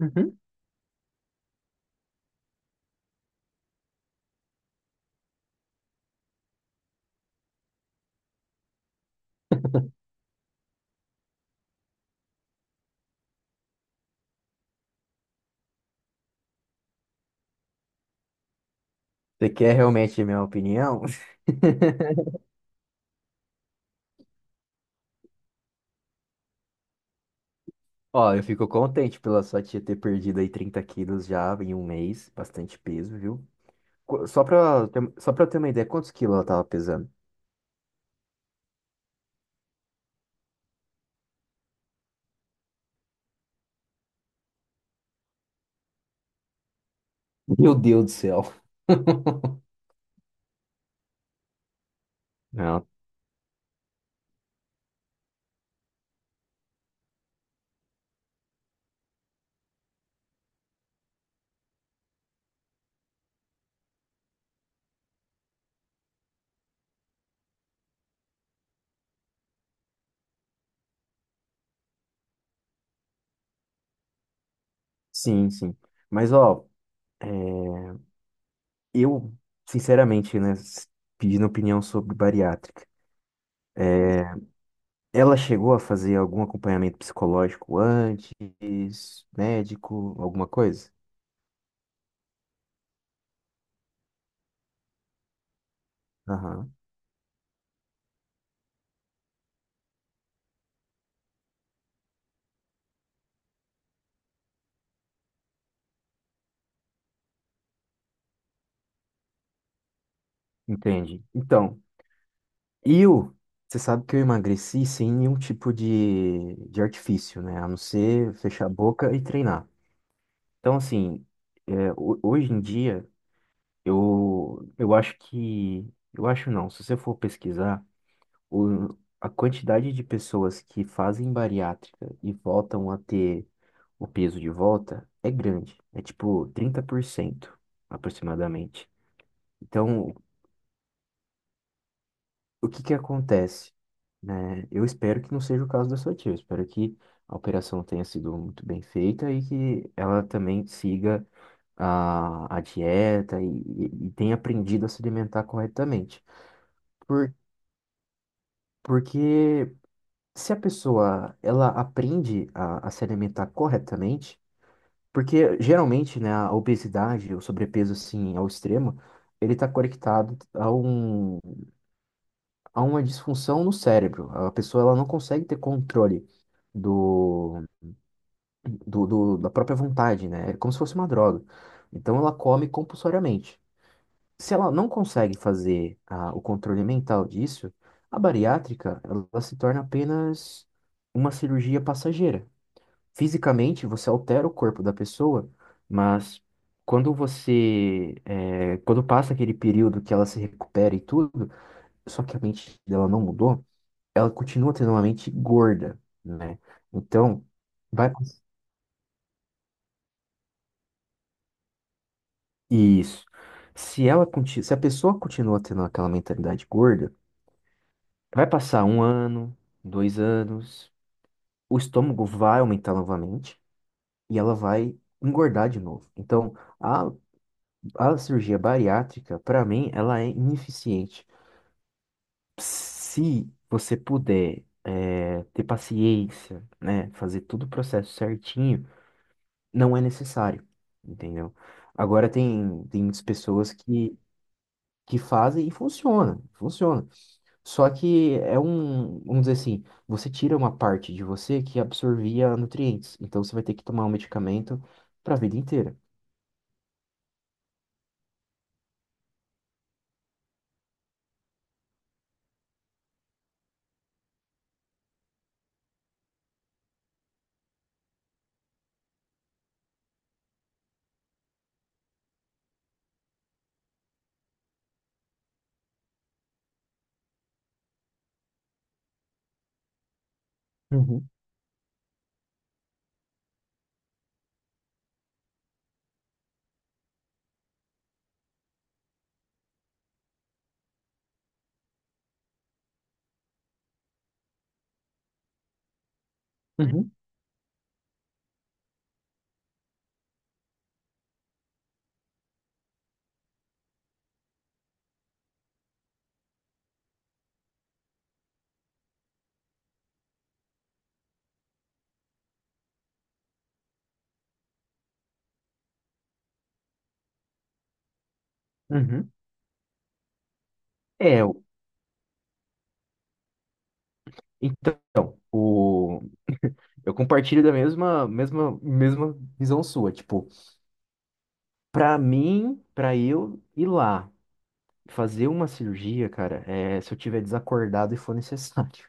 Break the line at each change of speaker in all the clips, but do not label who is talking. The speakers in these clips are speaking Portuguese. Uhum. Você quer realmente a minha opinião? Ó, eu fico contente pela sua tia ter perdido aí 30 quilos já em um mês, bastante peso, viu? Só pra, só pra eu ter uma ideia, quantos quilos ela tava pesando? Meu Deus do céu. Não, sim, sim. Mas, ó, é, eu, sinceramente, né, pedindo opinião sobre bariátrica, ela chegou a fazer algum acompanhamento psicológico antes, médico, alguma coisa? Entende? Então, eu, você sabe que eu emagreci sem nenhum tipo de artifício, né? A não ser fechar a boca e treinar. Então, assim, é, hoje em dia, eu acho que. Eu acho não, se você for pesquisar, a quantidade de pessoas que fazem bariátrica e voltam a ter o peso de volta é grande. É tipo 30% aproximadamente. Então, o que que acontece? Né? Eu espero que não seja o caso da sua tia. Eu espero que a operação tenha sido muito bem feita e que ela também siga a dieta e tenha aprendido a se alimentar corretamente. Por, porque se a pessoa ela aprende a se alimentar corretamente, porque geralmente, né, a obesidade, o sobrepeso assim ao extremo, ele está conectado a um há uma disfunção no cérebro. A pessoa ela não consegue ter controle do, da própria vontade, né? É como se fosse uma droga. Então ela come compulsoriamente. Se ela não consegue fazer o controle mental disso, a bariátrica ela se torna apenas uma cirurgia passageira. Fisicamente você altera o corpo da pessoa, mas quando você quando passa aquele período que ela se recupera e tudo, só que a mente dela não mudou, ela continua tendo uma mente gorda, né? Então, vai. Isso. Se ela, se a pessoa continua tendo aquela mentalidade gorda, vai passar um ano, dois anos, o estômago vai aumentar novamente e ela vai engordar de novo. Então, a, a cirurgia bariátrica, para mim, ela é ineficiente. Se você puder, ter paciência, né, fazer todo o processo certinho, não é necessário, entendeu? Agora tem muitas pessoas que fazem e funciona, funciona. Só que é um, vamos dizer assim, você tira uma parte de você que absorvia nutrientes, então você vai ter que tomar um medicamento para a vida inteira. Uhum, uhum, uhum. É, então, o, eu compartilho da mesma, mesma, mesma visão sua, tipo, para mim, para eu ir lá. Fazer uma cirurgia, cara, é se eu tiver desacordado e for necessário.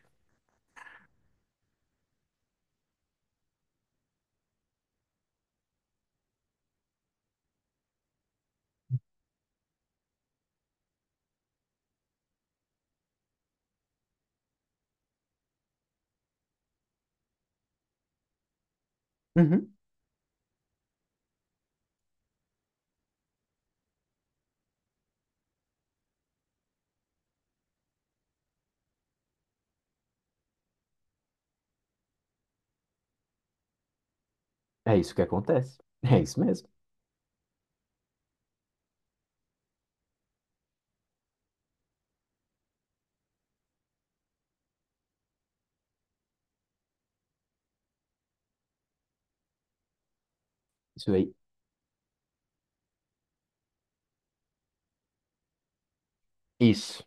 Uhum, é isso que acontece. É isso mesmo. Isso aí. Isso.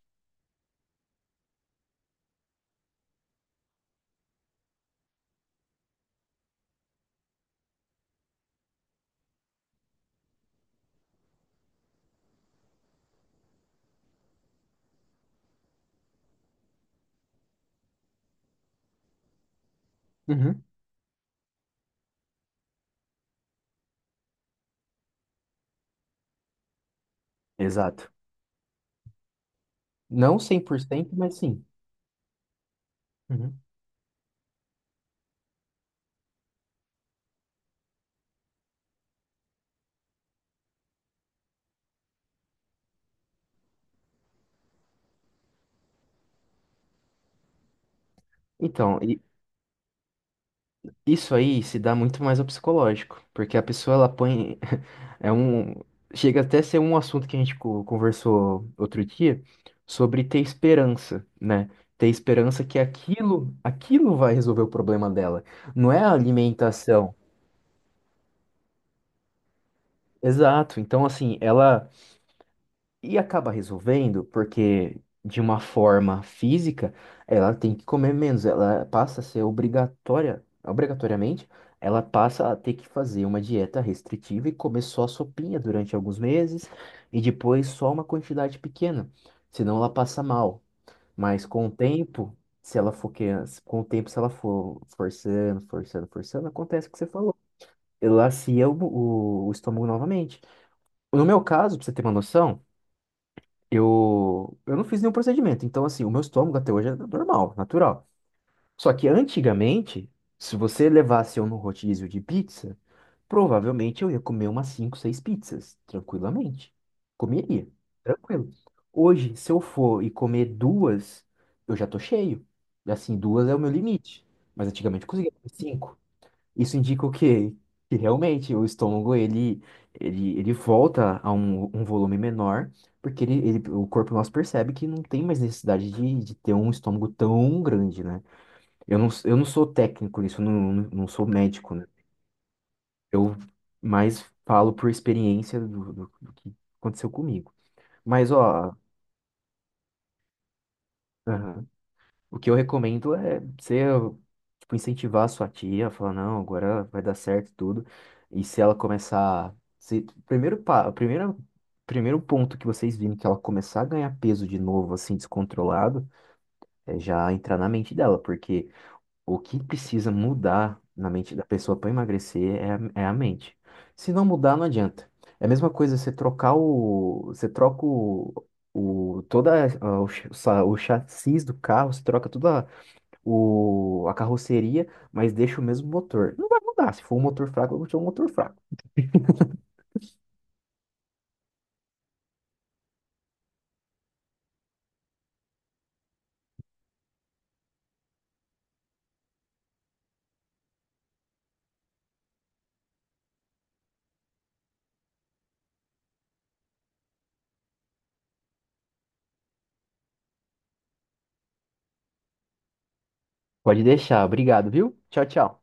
Uhum. Exato. Não 100%, mas sim. Uhum. Então, isso aí se dá muito mais ao psicológico, porque a pessoa ela põe é um chega até a ser um assunto que a gente conversou outro dia sobre ter esperança, né? Ter esperança que aquilo, aquilo vai resolver o problema dela. Não é a alimentação, exato. Então, assim, ela e acaba resolvendo porque de uma forma física, ela tem que comer menos, ela passa a ser obrigatória, obrigatoriamente, ela passa a ter que fazer uma dieta restritiva e comer só sopinha durante alguns meses e depois só uma quantidade pequena, senão ela passa mal. Mas com o tempo, se ela for que com o tempo se ela for forçando, forçando, forçando, acontece o que você falou. Elacia o estômago novamente. No meu caso, pra você ter uma noção, eu não fiz nenhum procedimento. Então, assim, o meu estômago até hoje é normal, natural. Só que antigamente, se você levasse eu no rodízio de pizza, provavelmente eu ia comer umas 5, 6 pizzas, tranquilamente. Comeria, tranquilo. Hoje, se eu for e comer duas, eu já tô cheio. Assim, duas é o meu limite. Mas antigamente eu conseguia comer cinco. Isso indica o quê? Que realmente o estômago ele, ele volta a um, um volume menor, porque o corpo nosso percebe que não tem mais necessidade de ter um estômago tão grande, né? Eu não, sou técnico nisso, eu não, não sou médico, né? Eu mais falo por experiência do que aconteceu comigo. Mas, ó, aham. O que eu recomendo é você, tipo, incentivar a sua tia, falar, não, agora vai dar certo tudo. E se ela começar. Se, primeiro, primeiro ponto que vocês virem que ela começar a ganhar peso de novo, assim, descontrolado, é já entrar na mente dela, porque o que precisa mudar na mente da pessoa para emagrecer é, é a mente. Se não mudar, não adianta. É a mesma coisa você trocar o. Você troca o. O, toda o, o chassi do carro, você troca toda a o, a carroceria, mas deixa o mesmo motor. Não vai mudar. Se for um motor fraco, eu vou ter um motor fraco. Pode deixar. Obrigado, viu? Tchau, tchau.